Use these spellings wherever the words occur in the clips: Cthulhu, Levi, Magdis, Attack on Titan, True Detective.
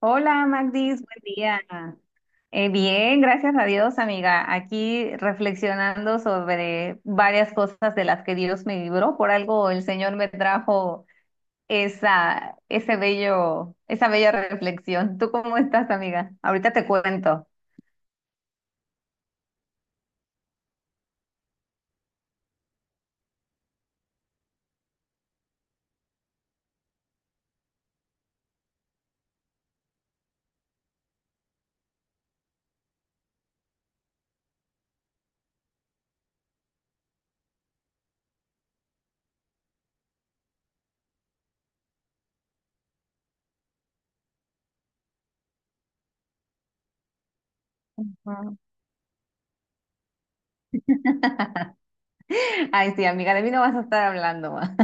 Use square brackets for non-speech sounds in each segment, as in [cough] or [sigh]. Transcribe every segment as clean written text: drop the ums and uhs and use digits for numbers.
Hola Magdis, buen día. Bien, gracias a Dios, amiga. Aquí reflexionando sobre varias cosas de las que Dios me libró. Por algo el Señor me trajo ese bello, esa bella reflexión. ¿Tú cómo estás, amiga? Ahorita te cuento. Ujú. Ay, sí, amiga, de mí no vas a estar hablando. [laughs] ma.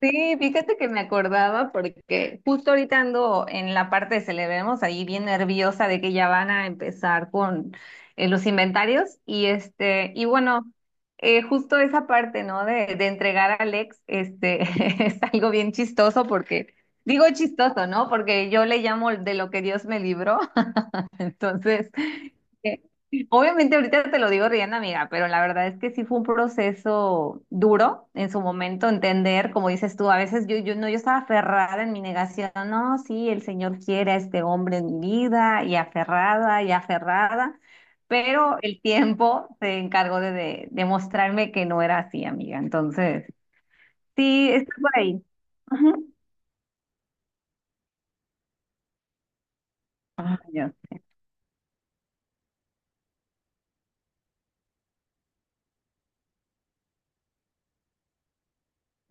Sí, fíjate que me acordaba porque justo ahorita ando en la parte de celebremos ahí bien nerviosa de que ya van a empezar con los inventarios y este y bueno, justo esa parte, ¿no? De entregar al ex este [laughs] es algo bien chistoso porque digo chistoso, ¿no? Porque yo le llamo de lo que Dios me libró. Entonces, eh, obviamente ahorita te lo digo riendo, amiga, pero la verdad es que sí fue un proceso duro en su momento entender, como dices tú. A veces yo no, yo estaba aferrada en mi negación. No, sí, el Señor quiere a este hombre en mi vida, y aferrada, pero el tiempo se encargó de mostrarme que no era así, amiga. Entonces, sí, está por ahí. Ujú. Ay, Dios.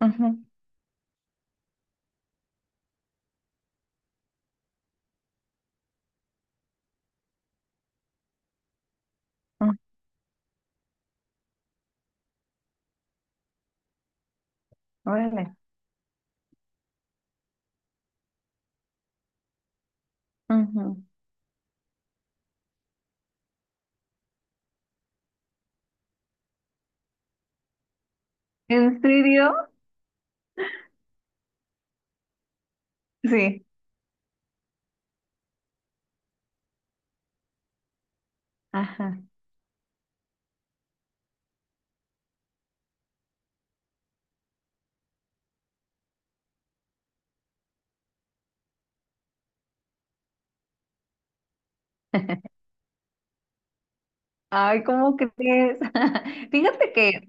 Ujú, ujú. Órale. Ujú. ¿En serio? Sí. Ajá. Ay, ¿cómo crees? [laughs] Fíjate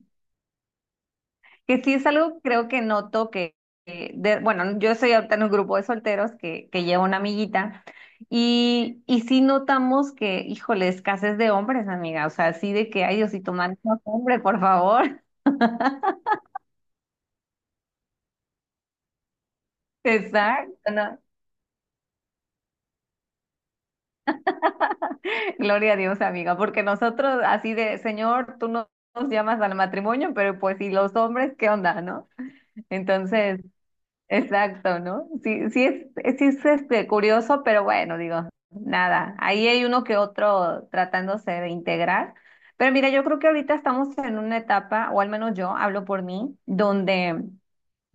que sí es algo, creo que noto que de- bueno, yo soy ahorita en un grupo de solteros que lleva una amiguita y sí notamos que, híjole, escasez de hombres, amiga, o sea, así de que, ay, Diosito, mándanos hombre, por favor. [laughs] Exacto, ¿no? Gloria a Dios, amiga, porque nosotros así de, Señor, tú no- nos llamas al matrimonio, pero pues, ¿y los hombres qué onda, no? Entonces... Exacto, ¿no? Sí, sí es este, curioso, pero bueno, digo, nada, ahí hay uno que otro tratándose de integrar. Pero mira, yo creo que ahorita estamos en una etapa, o al menos yo hablo por mí, donde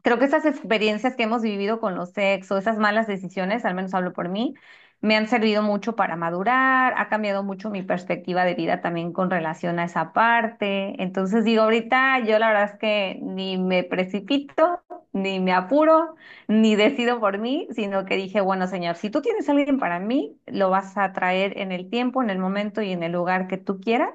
creo que esas experiencias que hemos vivido con los ex o esas malas decisiones, al menos hablo por mí, me han servido mucho para madurar. Ha cambiado mucho mi perspectiva de vida también con relación a esa parte. Entonces digo, ahorita yo la verdad es que ni me precipito, ni me apuro, ni decido por mí, sino que dije, bueno, señor, si tú tienes a alguien para mí, lo vas a traer en el tiempo, en el momento y en el lugar que tú quieras.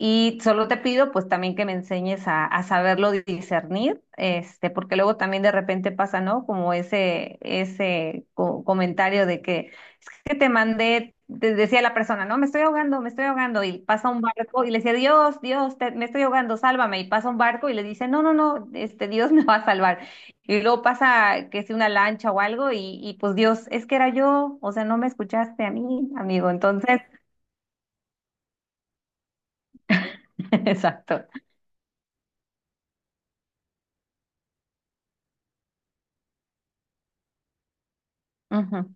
Y solo te pido, pues también que me enseñes a saberlo discernir, este, porque luego también de repente pasa, ¿no? Como ese comentario de que es que te mandé, te decía la persona. No, me estoy ahogando, y pasa un barco y le decía, Dios, Dios, me estoy ahogando, sálvame, y pasa un barco y le dice, no, no, no, este, Dios [laughs] me va a salvar. Y luego pasa que si una lancha o algo, y pues Dios, es que era yo, o sea, no me escuchaste a mí, amigo, entonces, [laughs] exacto. Ujú,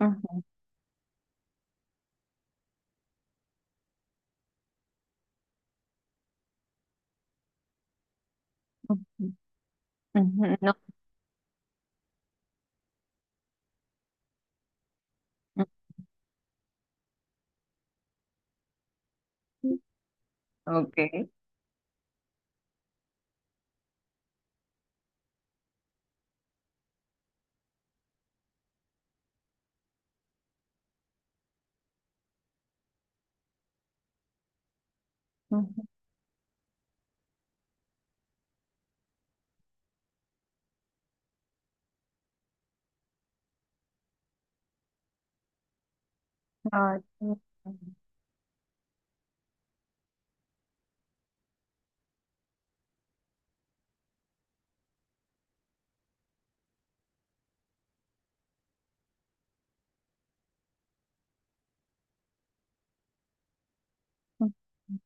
ujú. Ujú, ujú, No. Ujú, Ok. Ujú, ay, ujú.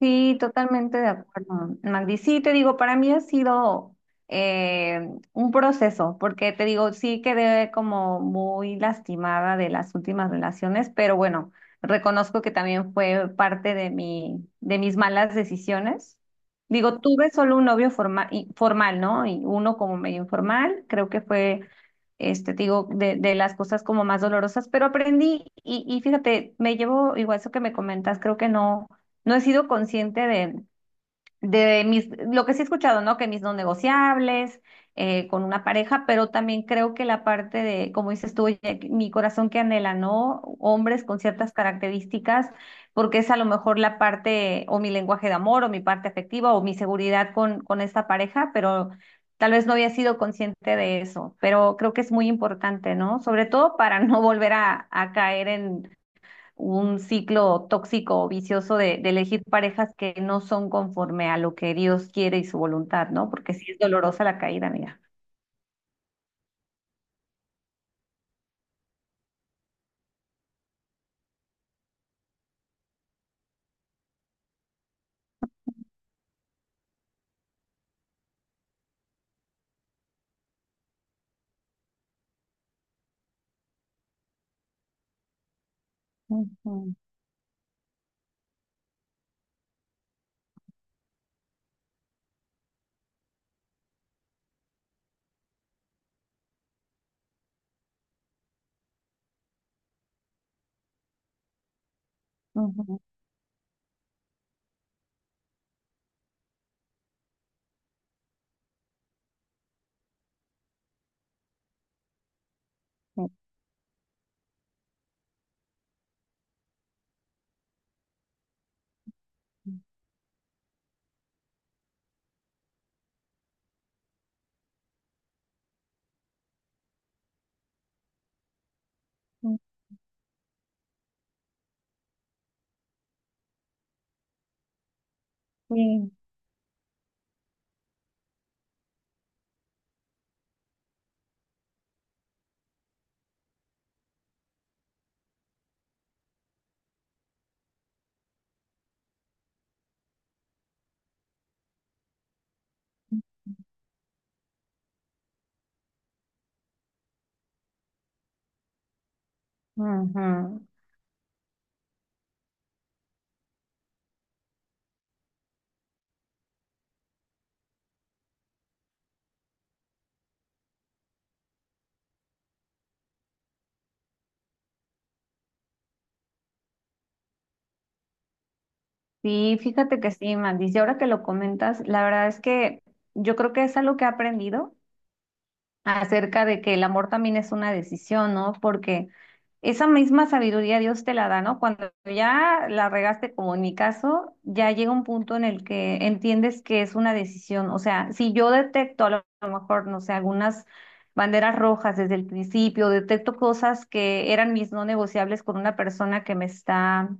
Sí, totalmente de acuerdo, Magdi. Sí, te digo, para mí ha sido eh, un proceso, porque te digo, sí quedé como muy lastimada de las últimas relaciones, pero bueno, reconozco que también fue parte de de mis malas decisiones. Digo, tuve solo un novio formal, ¿no? Y uno como medio informal, creo que fue, este, te digo, de las cosas como más dolorosas, pero aprendí y fíjate, me llevo, igual eso que me comentas, creo que no. No he sido consciente de mis, lo que sí he escuchado, ¿no? Que mis no negociables, con una pareja, pero también creo que la parte de, como dices tú, oye, mi corazón que anhela, ¿no? Hombres con ciertas características, porque es a lo mejor la parte, o mi lenguaje de amor, o mi parte afectiva, o mi seguridad con esta pareja, pero tal vez no había sido consciente de eso, pero creo que es muy importante, ¿no? Sobre todo para [laughs] no volver a caer en un ciclo tóxico o vicioso de elegir parejas que no son conforme a lo que Dios quiere y su voluntad, ¿no? Porque sí es dolorosa la caída, amiga. Ujú, ujú, ujú, Sí, ujú. Sí, fíjate que sí, Mandis. Y ahora que lo comentas, la verdad es que yo creo que es algo que he aprendido acerca de que el amor también es una decisión, ¿no? Porque esa misma sabiduría Dios te la da, ¿no? Cuando ya la regaste, como en mi caso, ya llega un punto en el que entiendes que es una decisión. O sea, si yo detecto a lo mejor, no sé, algunas banderas rojas desde el principio, detecto cosas que eran mis no negociables con una persona que me está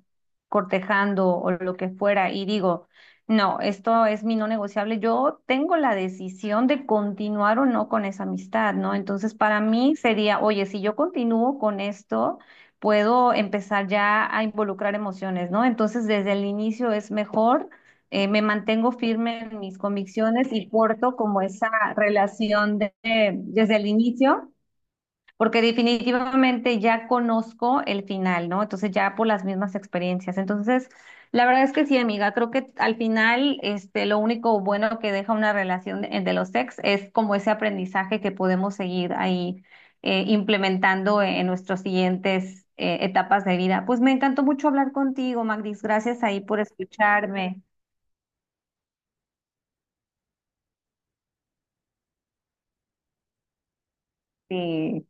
cortejando o lo que fuera, y digo, no, esto es mi no negociable. Yo tengo la decisión de continuar o no con esa amistad, ¿no? Entonces, para mí sería, oye, si yo continúo con esto, puedo empezar ya a involucrar emociones, ¿no? Entonces, desde el inicio es mejor, me mantengo firme en mis convicciones y porto como esa relación de, desde el inicio porque definitivamente ya conozco el final, ¿no? Entonces ya por las mismas experiencias. Entonces, la verdad es que sí, amiga, creo que al final, este, lo único bueno que deja una relación de los ex es como ese aprendizaje que podemos seguir ahí implementando en nuestras siguientes etapas de vida. Pues me encantó mucho hablar contigo, Magdis. Gracias ahí por escucharme. Sí,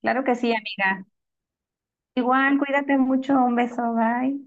claro que sí, amiga. Igual, cuídate mucho. Un beso, bye.